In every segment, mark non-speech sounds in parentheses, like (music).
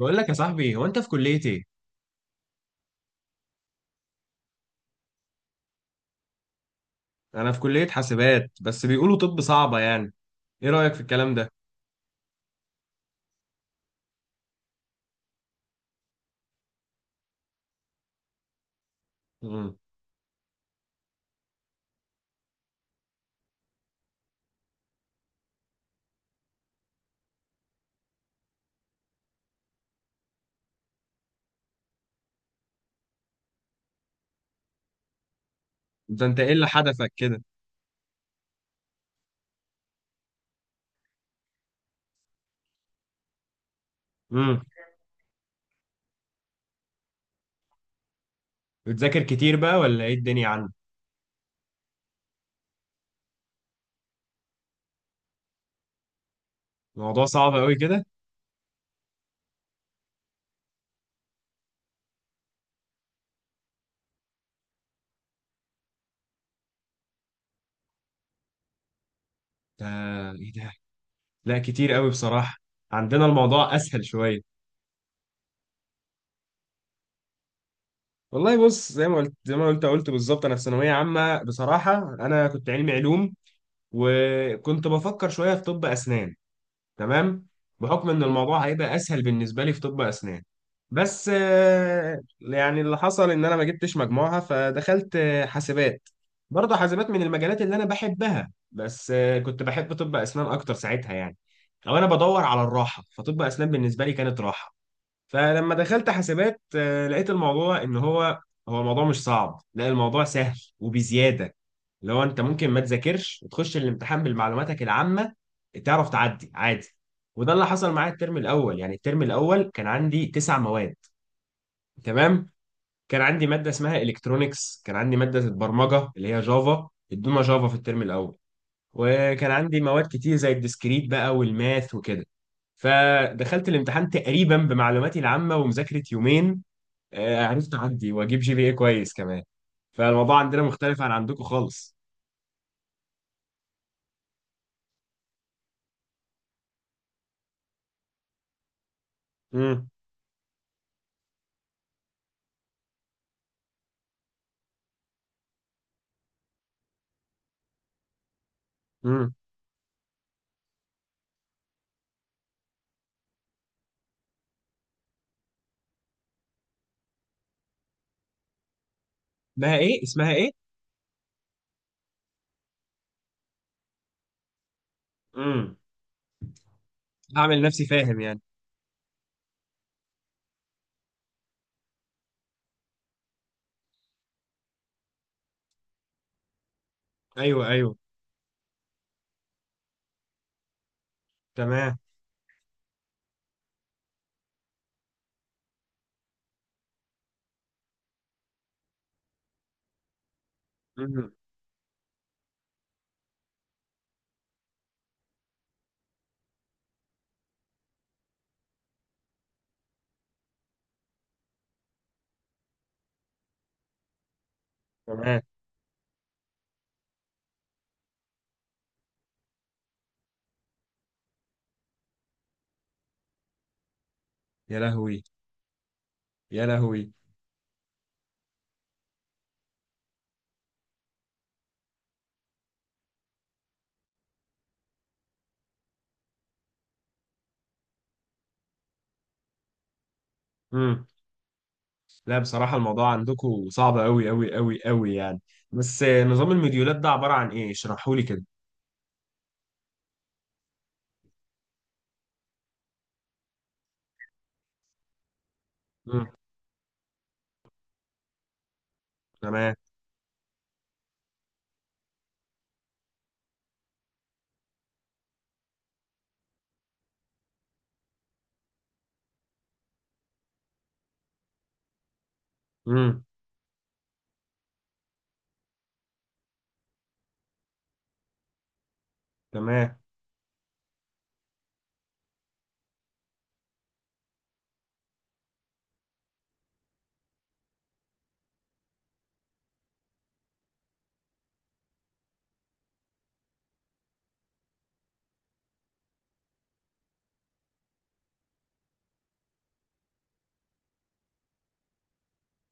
بقول لك يا صاحبي، هو انت في كلية ايه؟ انا في كلية حاسبات، بس بيقولوا طب صعبة يعني. ايه رأيك في الكلام ده؟ امم. ده انت ايه اللي حدفك كده؟ امم. بتذاكر كتير بقى ولا ايه الدنيا عندك؟ الموضوع صعب قوي كده؟ ده ايه ده؟ لا، كتير قوي بصراحة. عندنا الموضوع اسهل شوية. والله بص، زي ما قلت بالظبط، انا في ثانوية عامة بصراحة. انا كنت علمي علوم، وكنت بفكر شوية في طب اسنان. تمام. بحكم ان الموضوع هيبقى اسهل بالنسبه لي في طب اسنان. بس يعني اللي حصل ان انا ما جبتش مجموعها، فدخلت حاسبات. برضه حاسبات من المجالات اللي انا بحبها، بس كنت بحب طب اسنان اكتر ساعتها يعني. او انا بدور على الراحه، فطب اسنان بالنسبه لي كانت راحه. فلما دخلت حاسبات لقيت الموضوع ان هو الموضوع مش صعب، لا الموضوع سهل وبزياده. لو انت ممكن ما تذاكرش وتخش الامتحان بالمعلوماتك العامه تعرف تعدي عادي. وده اللي حصل معايا الترم الاول. يعني الترم الاول كان عندي تسع مواد. تمام. كان عندي ماده اسمها الكترونكس، كان عندي ماده البرمجه اللي هي جافا، ادونا جافا في الترم الاول. وكان عندي مواد كتير زي الديسكريت بقى والماث وكده. فدخلت الامتحان تقريبا بمعلوماتي العامه ومذاكره يومين. عرفت اعدي واجيب جي بي اي كويس كمان. فالموضوع عندنا مختلف عن عندكم خالص. امم. امم. اسمها ايه؟ اسمها ايه؟ امم. هعمل نفسي فاهم يعني. ايوه، ايوه. تمام. امم. تمام. يا لهوي، يا لهوي. امم. لا، بصراحه الموضوع عندكم صعب قوي قوي قوي قوي يعني. بس نظام المديولات ده عباره عن ايه؟ اشرحوا لي كده. امم. تمام. امم. تمام.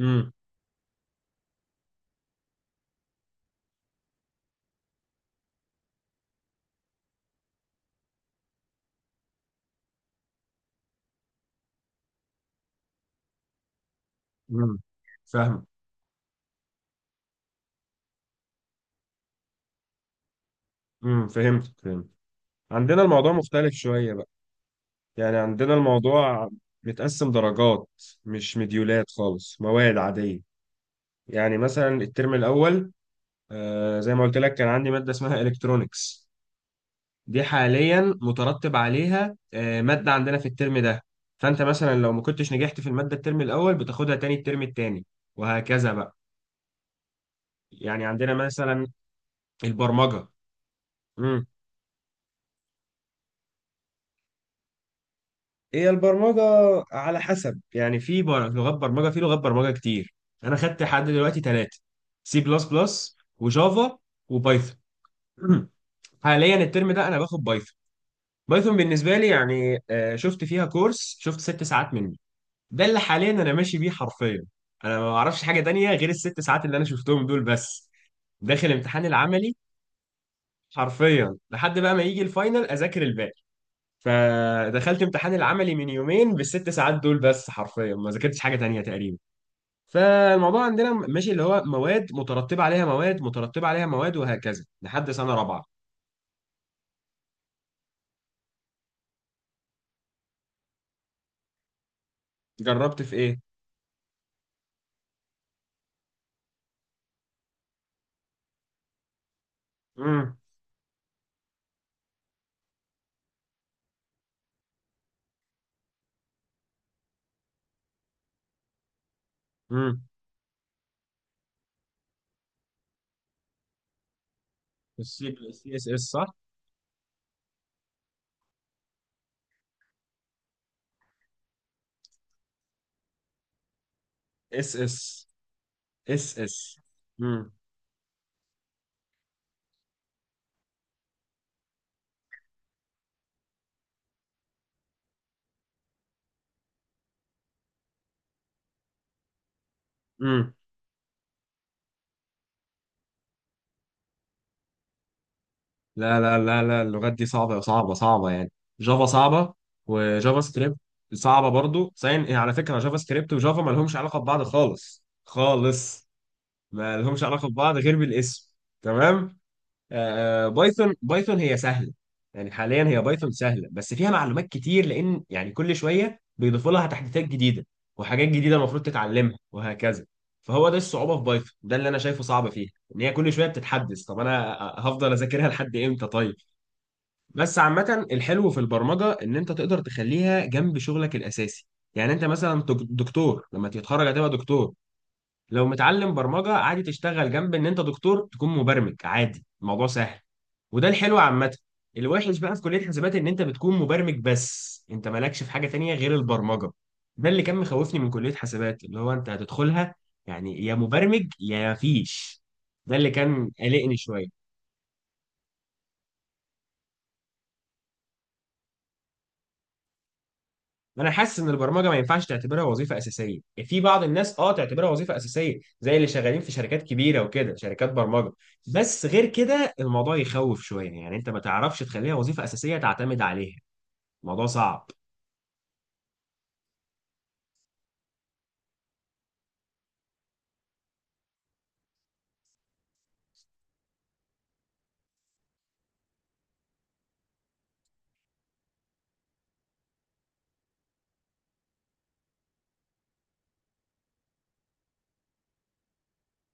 امم. امم. فاهم. امم. فهمت، فهمت. عندنا الموضوع مختلف شويه بقى. يعني عندنا الموضوع متقسم درجات، مش مديولات خالص، مواد عادية. يعني مثلا الترم الأول، آه زي ما قلت لك كان عندي مادة اسمها إلكترونيكس. دي حاليا مترتب عليها آه مادة عندنا في الترم ده. فأنت مثلا لو ما كنتش نجحت في المادة الترم الأول بتاخدها تاني الترم التاني، وهكذا بقى. يعني عندنا مثلا البرمجة. هي البرمجة على حسب، يعني في لغات برمجة، في لغات برمجة كتير. أنا خدت لحد دلوقتي ثلاثة: سي بلس بلس، وجافا، وبايثون. (clears throat) حاليا الترم ده أنا باخد بايثون. بايثون بالنسبة لي يعني شفت فيها كورس، شفت 6 ساعات منه. ده اللي حاليا أنا ماشي بيه حرفيا. أنا ما أعرفش حاجة تانية غير ال6 ساعات اللي أنا شفتهم دول بس. داخل امتحان العملي حرفيا لحد بقى ما يجي الفاينل أذاكر الباقي. فدخلت امتحان العملي من يومين بال6 ساعات دول بس، حرفيا ما ذاكرتش حاجه تانية تقريبا. فالموضوع عندنا ماشي اللي هو مواد مترتبه عليها مواد، مترتبه عليها مواد، وهكذا لحد سنه رابعه. جربت في ايه؟ امم. امم. السي اس اس صح؟ اس اس. اس اس. امم. امم. لا لا لا لا، اللغات دي صعبه صعبه صعبه يعني. جافا صعبه. وجافا سكريبت صعبه برضو. سين على فكره، جافا سكريبت وجافا ما لهمش علاقه ببعض خالص خالص. ما لهمش علاقه ببعض غير بالاسم. تمام. بايثون، بايثون هي سهله. يعني حاليا هي بايثون سهله، بس فيها معلومات كتير، لان يعني كل شويه بيضيفوا لها تحديثات جديده وحاجات جديده المفروض تتعلمها وهكذا. فهو ده الصعوبه في بايثون، ده اللي انا شايفه صعب فيها. ان هي كل شويه بتتحدث، طب انا هفضل اذاكرها لحد امتى طيب؟ بس عامه الحلو في البرمجه ان انت تقدر تخليها جنب شغلك الاساسي. يعني انت مثلا دكتور لما تتخرج هتبقى دكتور. لو متعلم برمجه عادي، تشتغل جنب ان انت دكتور، تكون مبرمج عادي، الموضوع سهل. وده الحلو عامه. الوحش بقى في كليه حسابات ان انت بتكون مبرمج بس، انت مالكش في حاجه تانية غير البرمجه. ده اللي كان مخوفني من كليه حسابات، اللي هو انت هتدخلها يعني يا مبرمج يا مفيش. ده اللي كان قلقني شويه. انا حاسس ان البرمجه ما ينفعش تعتبرها وظيفه اساسيه. يعني في بعض الناس اه تعتبرها وظيفه اساسيه، زي اللي شغالين في شركات كبيره وكده، شركات برمجه. بس غير كده الموضوع يخوف شويه، يعني انت ما تعرفش تخليها وظيفه اساسيه تعتمد عليها، الموضوع صعب.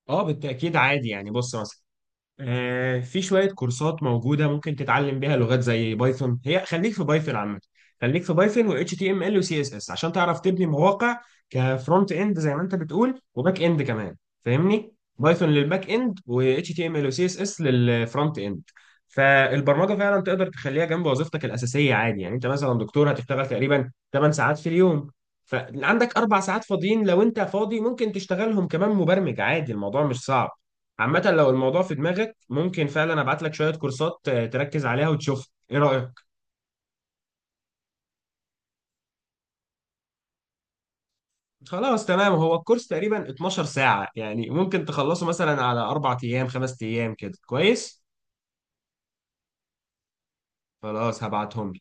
اه بالتاكيد عادي، يعني بص مثلا في شوية كورسات موجودة ممكن تتعلم بيها لغات زي بايثون. هي خليك في بايثون عامة، خليك في بايثون و HTML و CSS عشان تعرف تبني مواقع كفرونت اند زي ما انت بتقول، وباك اند كمان. فاهمني؟ بايثون للباك اند، و HTML و CSS للفرونت اند. فالبرمجة فعلا تقدر تخليها جنب وظيفتك الأساسية عادي. يعني انت مثلا دكتور هتشتغل تقريبا 8 ساعات في اليوم، فعندك 4 ساعات فاضيين، لو انت فاضي ممكن تشتغلهم كمان مبرمج عادي، الموضوع مش صعب. عامة لو الموضوع في دماغك ممكن فعلا ابعت لك شوية كورسات تركز عليها، وتشوف ايه رأيك؟ خلاص تمام، هو الكورس تقريبا 12 ساعة، يعني ممكن تخلصه مثلا على 4 ايام 5 ايام كده، كويس؟ خلاص هبعتهم.